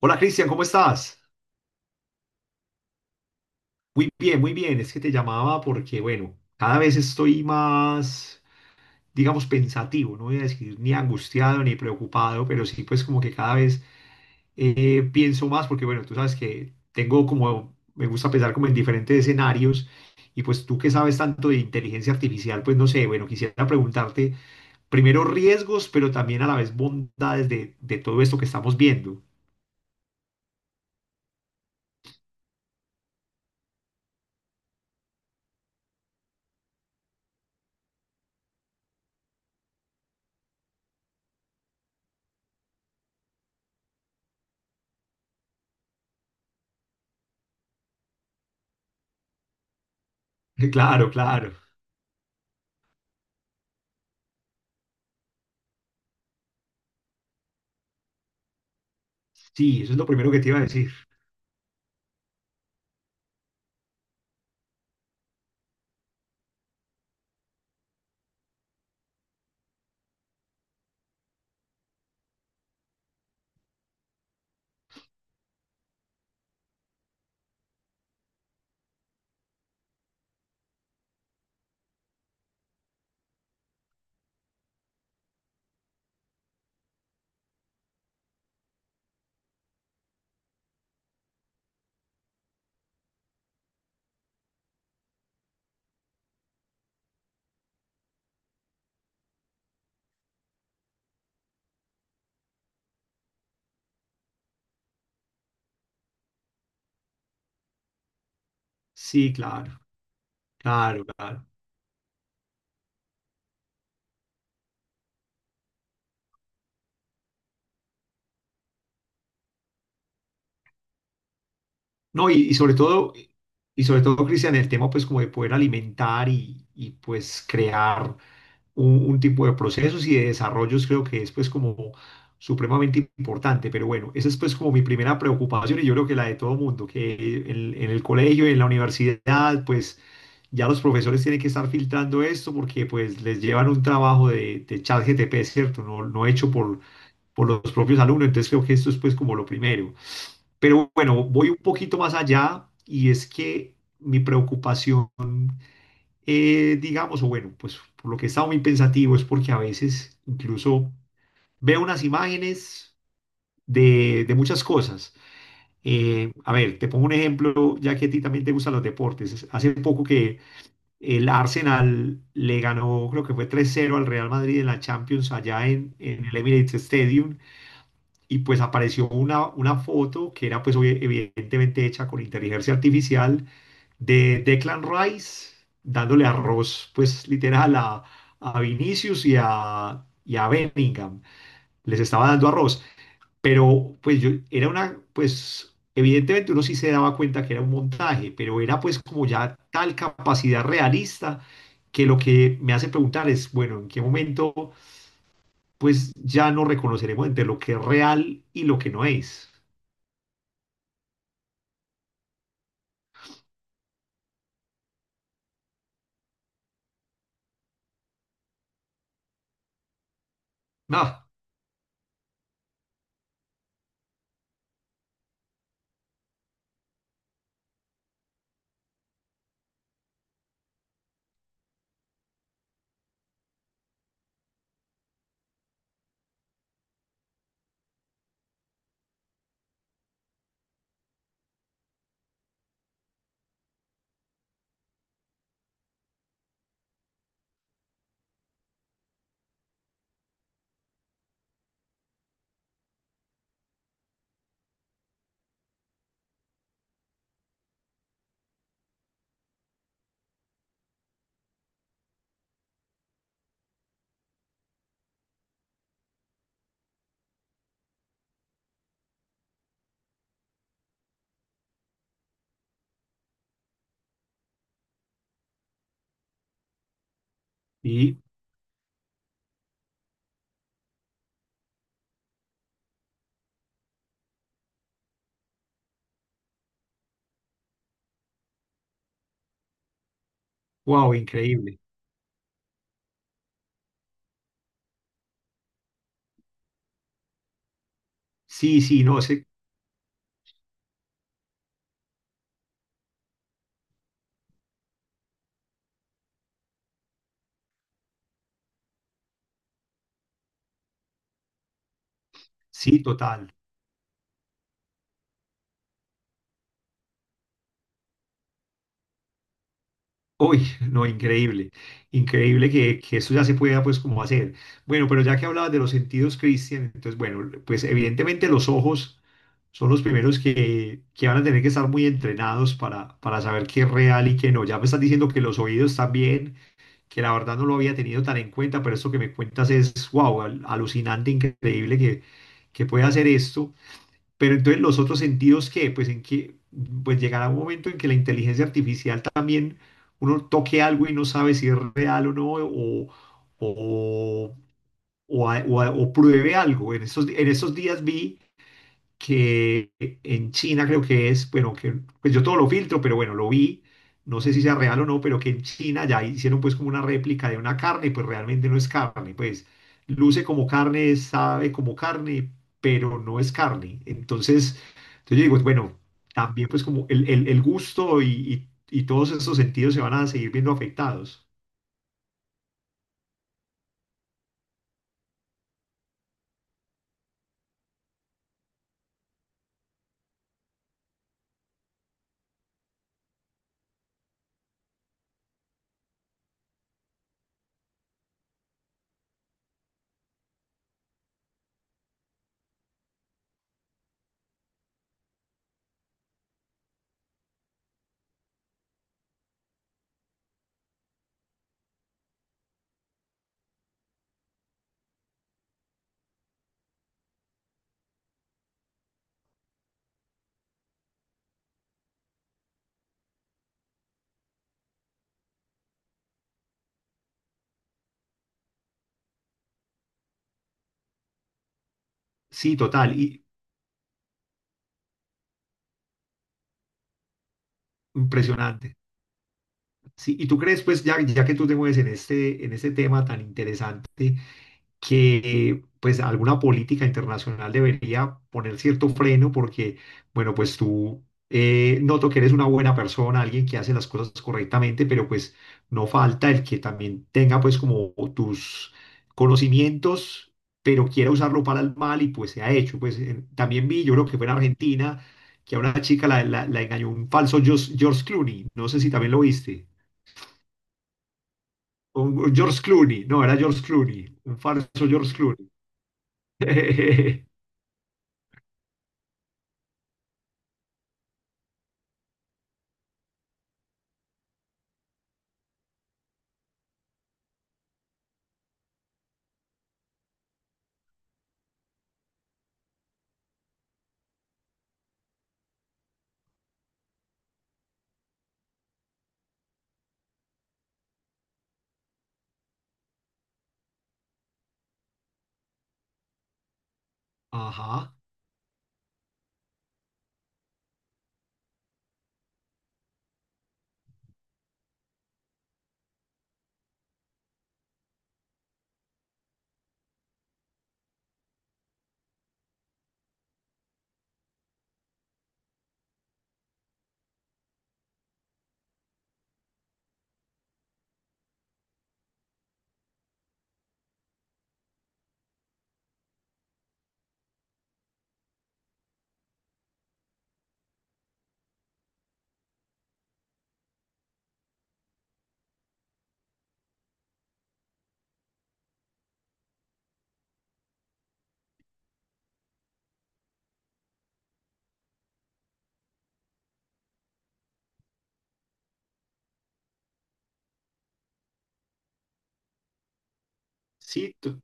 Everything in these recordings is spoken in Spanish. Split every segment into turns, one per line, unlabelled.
Hola Cristian, ¿cómo estás? Muy bien, muy bien. Es que te llamaba porque, bueno, cada vez estoy más, digamos, pensativo. No voy a decir ni angustiado ni preocupado, pero sí, pues como que cada vez pienso más porque, bueno, tú sabes que tengo como, me gusta pensar como en diferentes escenarios y pues tú que sabes tanto de inteligencia artificial, pues no sé, bueno, quisiera preguntarte primero riesgos, pero también a la vez bondades de todo esto que estamos viendo. Claro, claro. Sí, eso es lo primero que te iba a decir. Sí, claro. Claro, claro. No, y sobre todo, y sobre todo, Cristian, el tema pues como de poder alimentar y pues crear un tipo de procesos y de desarrollos creo que es pues como supremamente importante. Pero bueno, esa es pues como mi primera preocupación y yo creo que la de todo mundo, que en el colegio, en la universidad, pues ya los profesores tienen que estar filtrando esto porque pues les llevan un trabajo de chat GTP, ¿cierto? No hecho por los propios alumnos. Entonces creo que esto es pues como lo primero. Pero bueno, voy un poquito más allá y es que mi preocupación, digamos, o bueno, pues por lo que he estado muy pensativo es porque a veces incluso veo unas imágenes de muchas cosas. A ver, te pongo un ejemplo, ya que a ti también te gustan los deportes. Hace poco que el Arsenal le ganó, creo que fue tres cero al Real Madrid en la Champions allá en el Emirates Stadium y pues apareció una foto que era pues evidentemente hecha con inteligencia artificial de Declan Rice dándole arroz pues literal a Vinicius y a Bellingham. Les estaba dando arroz, pero pues yo era una pues evidentemente uno sí se daba cuenta que era un montaje, pero era pues como ya tal capacidad realista que lo que me hace preguntar es, bueno, ¿en qué momento pues ya no reconoceremos entre lo que es real y lo que no es? Ah, y wow, increíble. Sí, sí, no sé, sí, total. Uy, no, increíble. Increíble que eso ya se pueda, pues, como hacer. Bueno, pero ya que hablabas de los sentidos, Cristian, entonces, bueno, pues, evidentemente los ojos son los primeros que van a tener que estar muy entrenados para saber qué es real y qué no. Ya me estás diciendo que los oídos también, que la verdad no lo había tenido tan en cuenta, pero esto que me cuentas es, wow, alucinante, increíble que pueda hacer esto. Pero entonces los otros sentidos que, pues en que, pues llegará un momento en que la inteligencia artificial también uno toque algo y no sabe si es real o no, o, o pruebe algo. En estos días vi que en China creo que es, bueno, que pues yo todo lo filtro, pero bueno, lo vi, no sé si sea real o no, pero que en China ya hicieron pues como una réplica de una carne, pues realmente no es carne, pues luce como carne, sabe como carne, pero no es carne. Entonces, entonces yo digo, bueno, también pues como el gusto y todos esos sentidos se van a seguir viendo afectados. Sí, total, y impresionante. Sí, y tú crees, pues ya, ya que tú te mueves en este tema tan interesante, que pues alguna política internacional debería poner cierto freno porque, bueno, pues tú noto que eres una buena persona, alguien que hace las cosas correctamente, pero pues no falta el que también tenga pues como tus conocimientos, pero quiera usarlo para el mal y pues se ha hecho. Pues también vi, yo creo que fue en Argentina, que a una chica la engañó un falso George, George Clooney, no sé si también lo viste. Un George Clooney, no, era George Clooney, un falso George Clooney. Ajá, sí, to-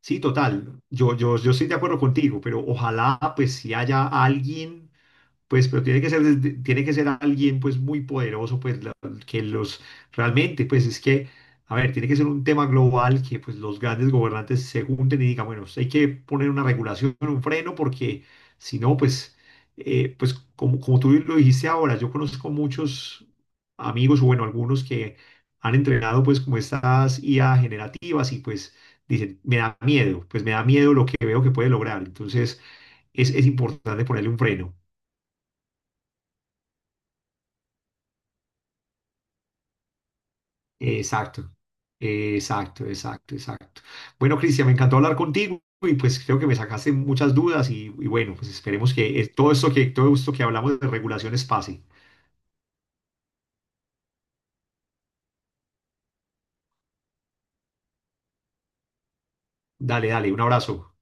sí, total. Yo estoy de acuerdo contigo, pero ojalá pues si haya alguien. Pues, pero tiene que ser, tiene que ser alguien pues muy poderoso, pues la- que los realmente, pues es que, a ver, tiene que ser un tema global que pues los grandes gobernantes se junten y digan, bueno, hay que poner una regulación, un freno, porque si no, pues, pues como, como tú lo dijiste ahora, yo conozco muchos amigos, o bueno, algunos que han entrenado pues como estas IA generativas y pues dicen, me da miedo, pues me da miedo lo que veo que puede lograr. Entonces, es importante ponerle un freno. Exacto, exacto, exacto, exacto. Bueno, Cristian, me encantó hablar contigo y pues creo que me sacaste muchas dudas y bueno, pues esperemos que todo esto que, todo esto que hablamos de regulaciones pase. Dale, dale, un abrazo.